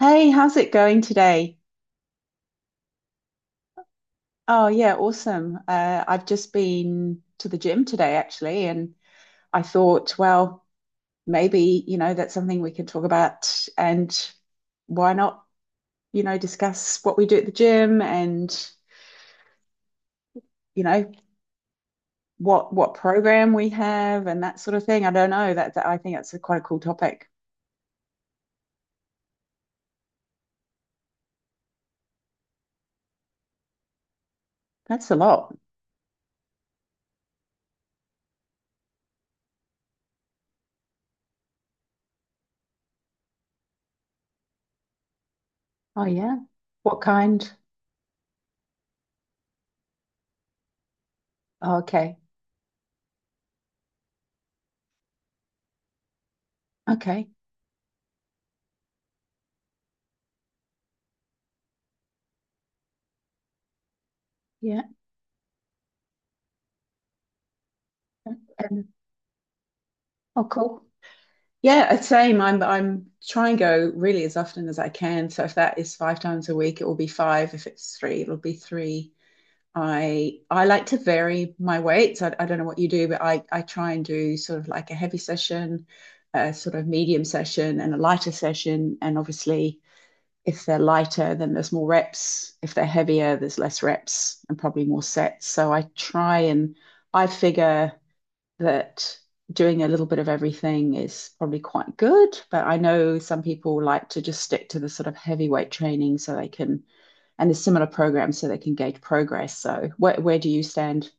Hey, how's it going today? Oh, yeah, awesome. I've just been to the gym today, actually, and I thought, well, maybe, that's something we can talk about, and why not, discuss what we do at the gym and, you know, what program we have and that sort of thing. I don't know. That, I think that's a quite a cool topic. That's a lot. Oh, yeah. What kind? Oh, okay. Okay. Yeah. And oh, cool. Yeah, same. I'm try and go really as often as I can. So if that is 5 times a week, it will be 5. If it's three, it'll be three. I like to vary my weights. I don't know what you do, but I try and do sort of like a heavy session, a sort of medium session, and a lighter session. And obviously, if they're lighter, then there's more reps. If they're heavier, there's less reps and probably more sets. So I try and I figure that doing a little bit of everything is probably quite good. But I know some people like to just stick to the sort of heavyweight training so they can, and there's similar programs so they can gauge progress. So where do you stand?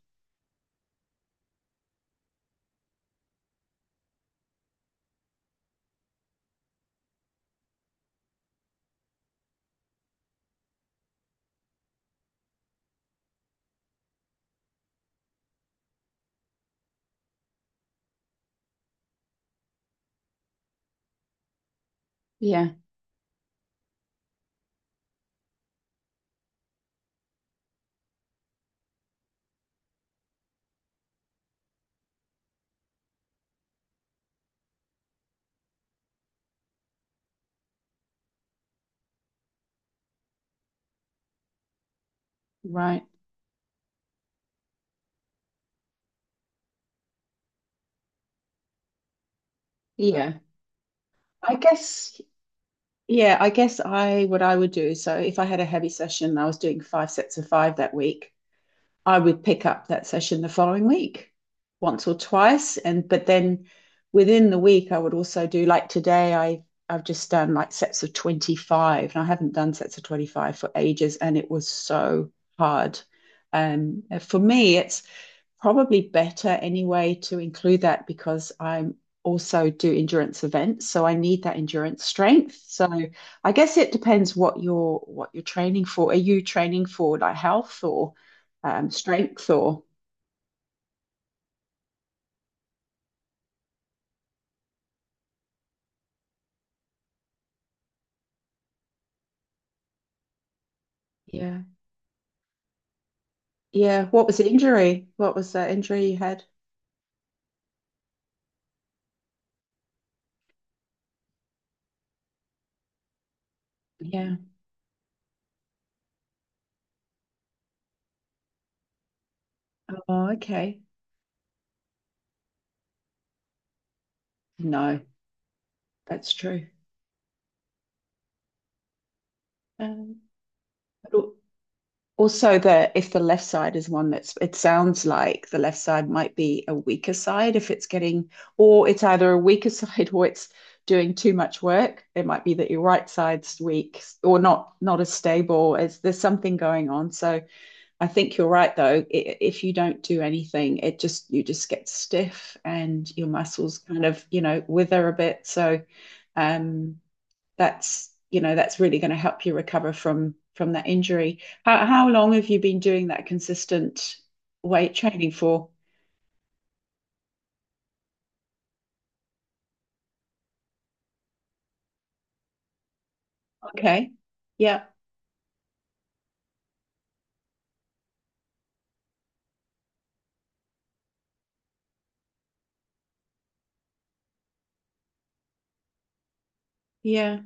Yeah, right. Yeah. I guess yeah, I guess I what I would do, so if I had a heavy session, I was doing 5 sets of 5 that week. I would pick up that session the following week, once or twice, and but then within the week I would also do like today I I've just done like sets of 25 and I haven't done sets of 25 for ages and it was so hard. For me, it's probably better anyway to include that because I'm also do endurance events, so I need that endurance strength. So I guess it depends what you're training for. Are you training for like health or strength or yeah? yeah? What was the injury? What was the injury you had? Yeah. Mhm. Oh, okay. No, that's true. Um, Also, the if the left side is one that's it sounds like the left side might be a weaker side if it's getting or it's either a weaker side or it's doing too much work. It might be that your right side's weak or not as stable as there's something going on. So I think you're right though. If you don't do anything, it just you just get stiff and your muscles kind of, you know, wither a bit. So um that's you know that's really going to help you recover from that injury. How long have you been doing that consistent weight training for? Okay. Yeah. Yeah.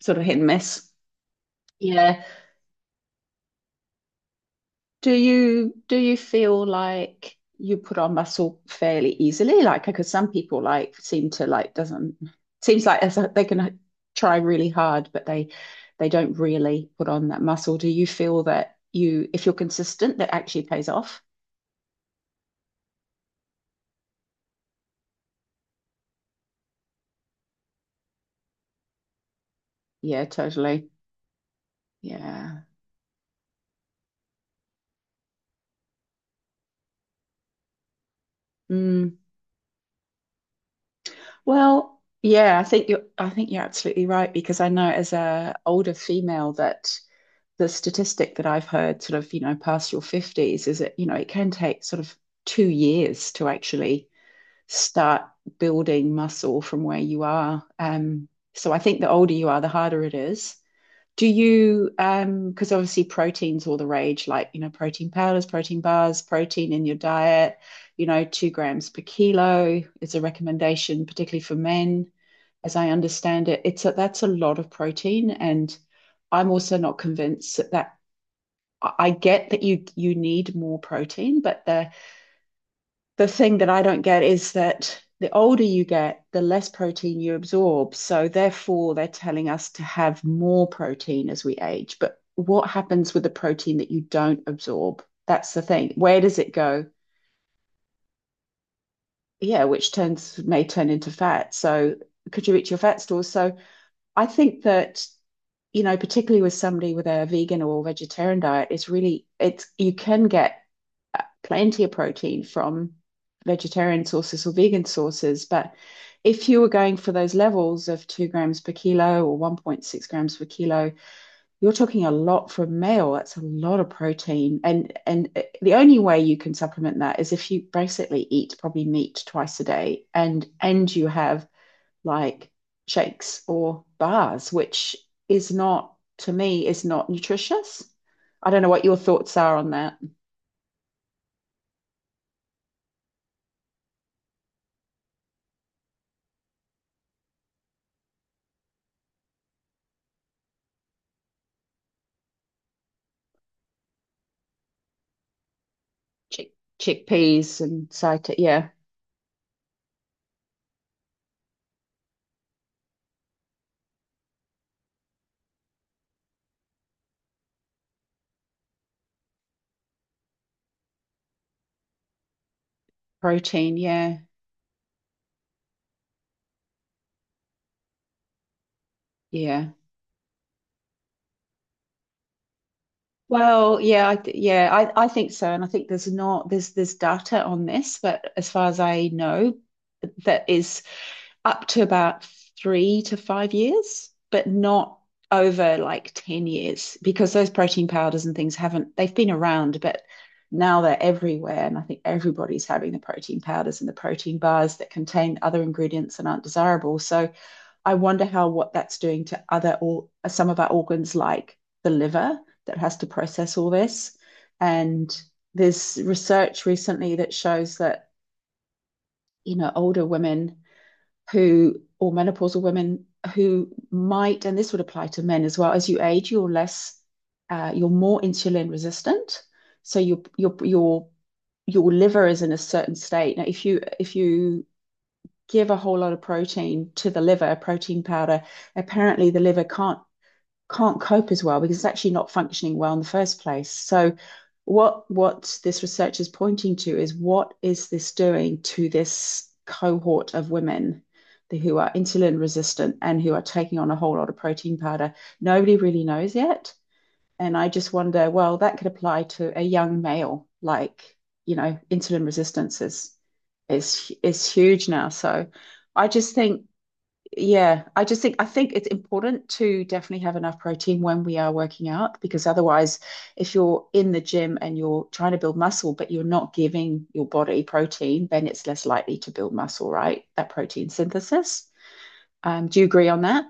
Sort of hit and miss. Yeah. Do you feel like you put on muscle fairly easily? Like because some people like seem to like doesn't seems like they can try really hard, but they don't really put on that muscle. Do you feel that you if you're consistent that actually pays off? Yeah, totally. Yeah. Mm. Well, yeah, I think you're absolutely right because I know as a older female that the statistic that I've heard sort of, you know, past your 50s is that, you know, it can take sort of 2 years to actually start building muscle from where you are. So I think the older you are, the harder it is. Do you, because obviously protein's all the rage, like, you know, protein powders, protein bars, protein in your diet, you know, 2 grams per kilo is a recommendation, particularly for men, as I understand it. It's a, that's a lot of protein, and I'm also not convinced that, I get that you need more protein, but the thing that I don't get is that the older you get, the less protein you absorb. So therefore, they're telling us to have more protein as we age. But what happens with the protein that you don't absorb? That's the thing. Where does it go? Yeah, which turns may turn into fat. So could you reach your fat stores? So I think that you know, particularly with somebody with a vegan or vegetarian diet, it's really it's you can get plenty of protein from vegetarian sources or vegan sources. But if you were going for those levels of 2 grams per kilo or 1.6 grams per kilo, you're talking a lot for a male. That's a lot of protein. And the only way you can supplement that is if you basically eat probably meat twice a day and you have like shakes or bars, which is not, to me, is not nutritious. I don't know what your thoughts are on that. Chick chickpeas and sita, yeah, protein, yeah, yeah. Well, yeah, yeah, I think so, and I think there's not there's there's data on this, but as far as I know, that is up to about 3 to 5 years, but not over like 10 years because those protein powders and things haven't, they've been around, but now they're everywhere. And I think everybody's having the protein powders and the protein bars that contain other ingredients and aren't desirable. So I wonder how what that's doing to other or some of our organs like the liver that has to process all this. And there's research recently that shows that, you know, older women who, or menopausal women who might, and this would apply to men as well, as you age, you're less, you're more insulin resistant. So your your your liver is in a certain state. Now, if you give a whole lot of protein to the liver, protein powder, apparently the liver can't cope as well because it's actually not functioning well in the first place. So what this research is pointing to is what is this doing to this cohort of women who are insulin resistant and who are taking on a whole lot of protein powder. Nobody really knows yet. And I just wonder, well, that could apply to a young male, like, you know, insulin resistance is is huge now. So I just think yeah, I just think I think it's important to definitely have enough protein when we are working out because otherwise, if you're in the gym and you're trying to build muscle, but you're not giving your body protein, then it's less likely to build muscle, right? That protein synthesis. Do you agree on that?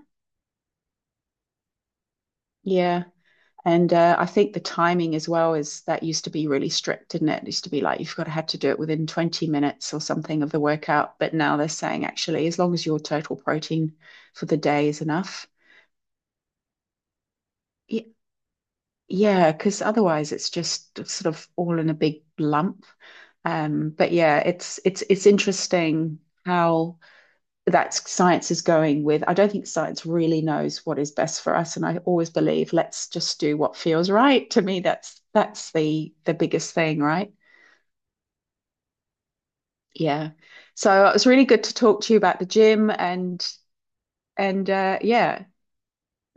Yeah. And I think the timing as well is that used to be really strict, didn't it? It used to be like you've got to have to do it within 20 minutes or something of the workout. But now they're saying actually, as long as your total protein for the day is enough. Yeah. Yeah, because otherwise it's just sort of all in a big lump. But yeah, it's it's interesting how that science is going with. I don't think science really knows what is best for us, and I always believe let's just do what feels right. To me, that's the biggest thing, right? Yeah. So it was really good to talk to you about the gym and yeah,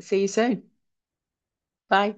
see you soon. Bye.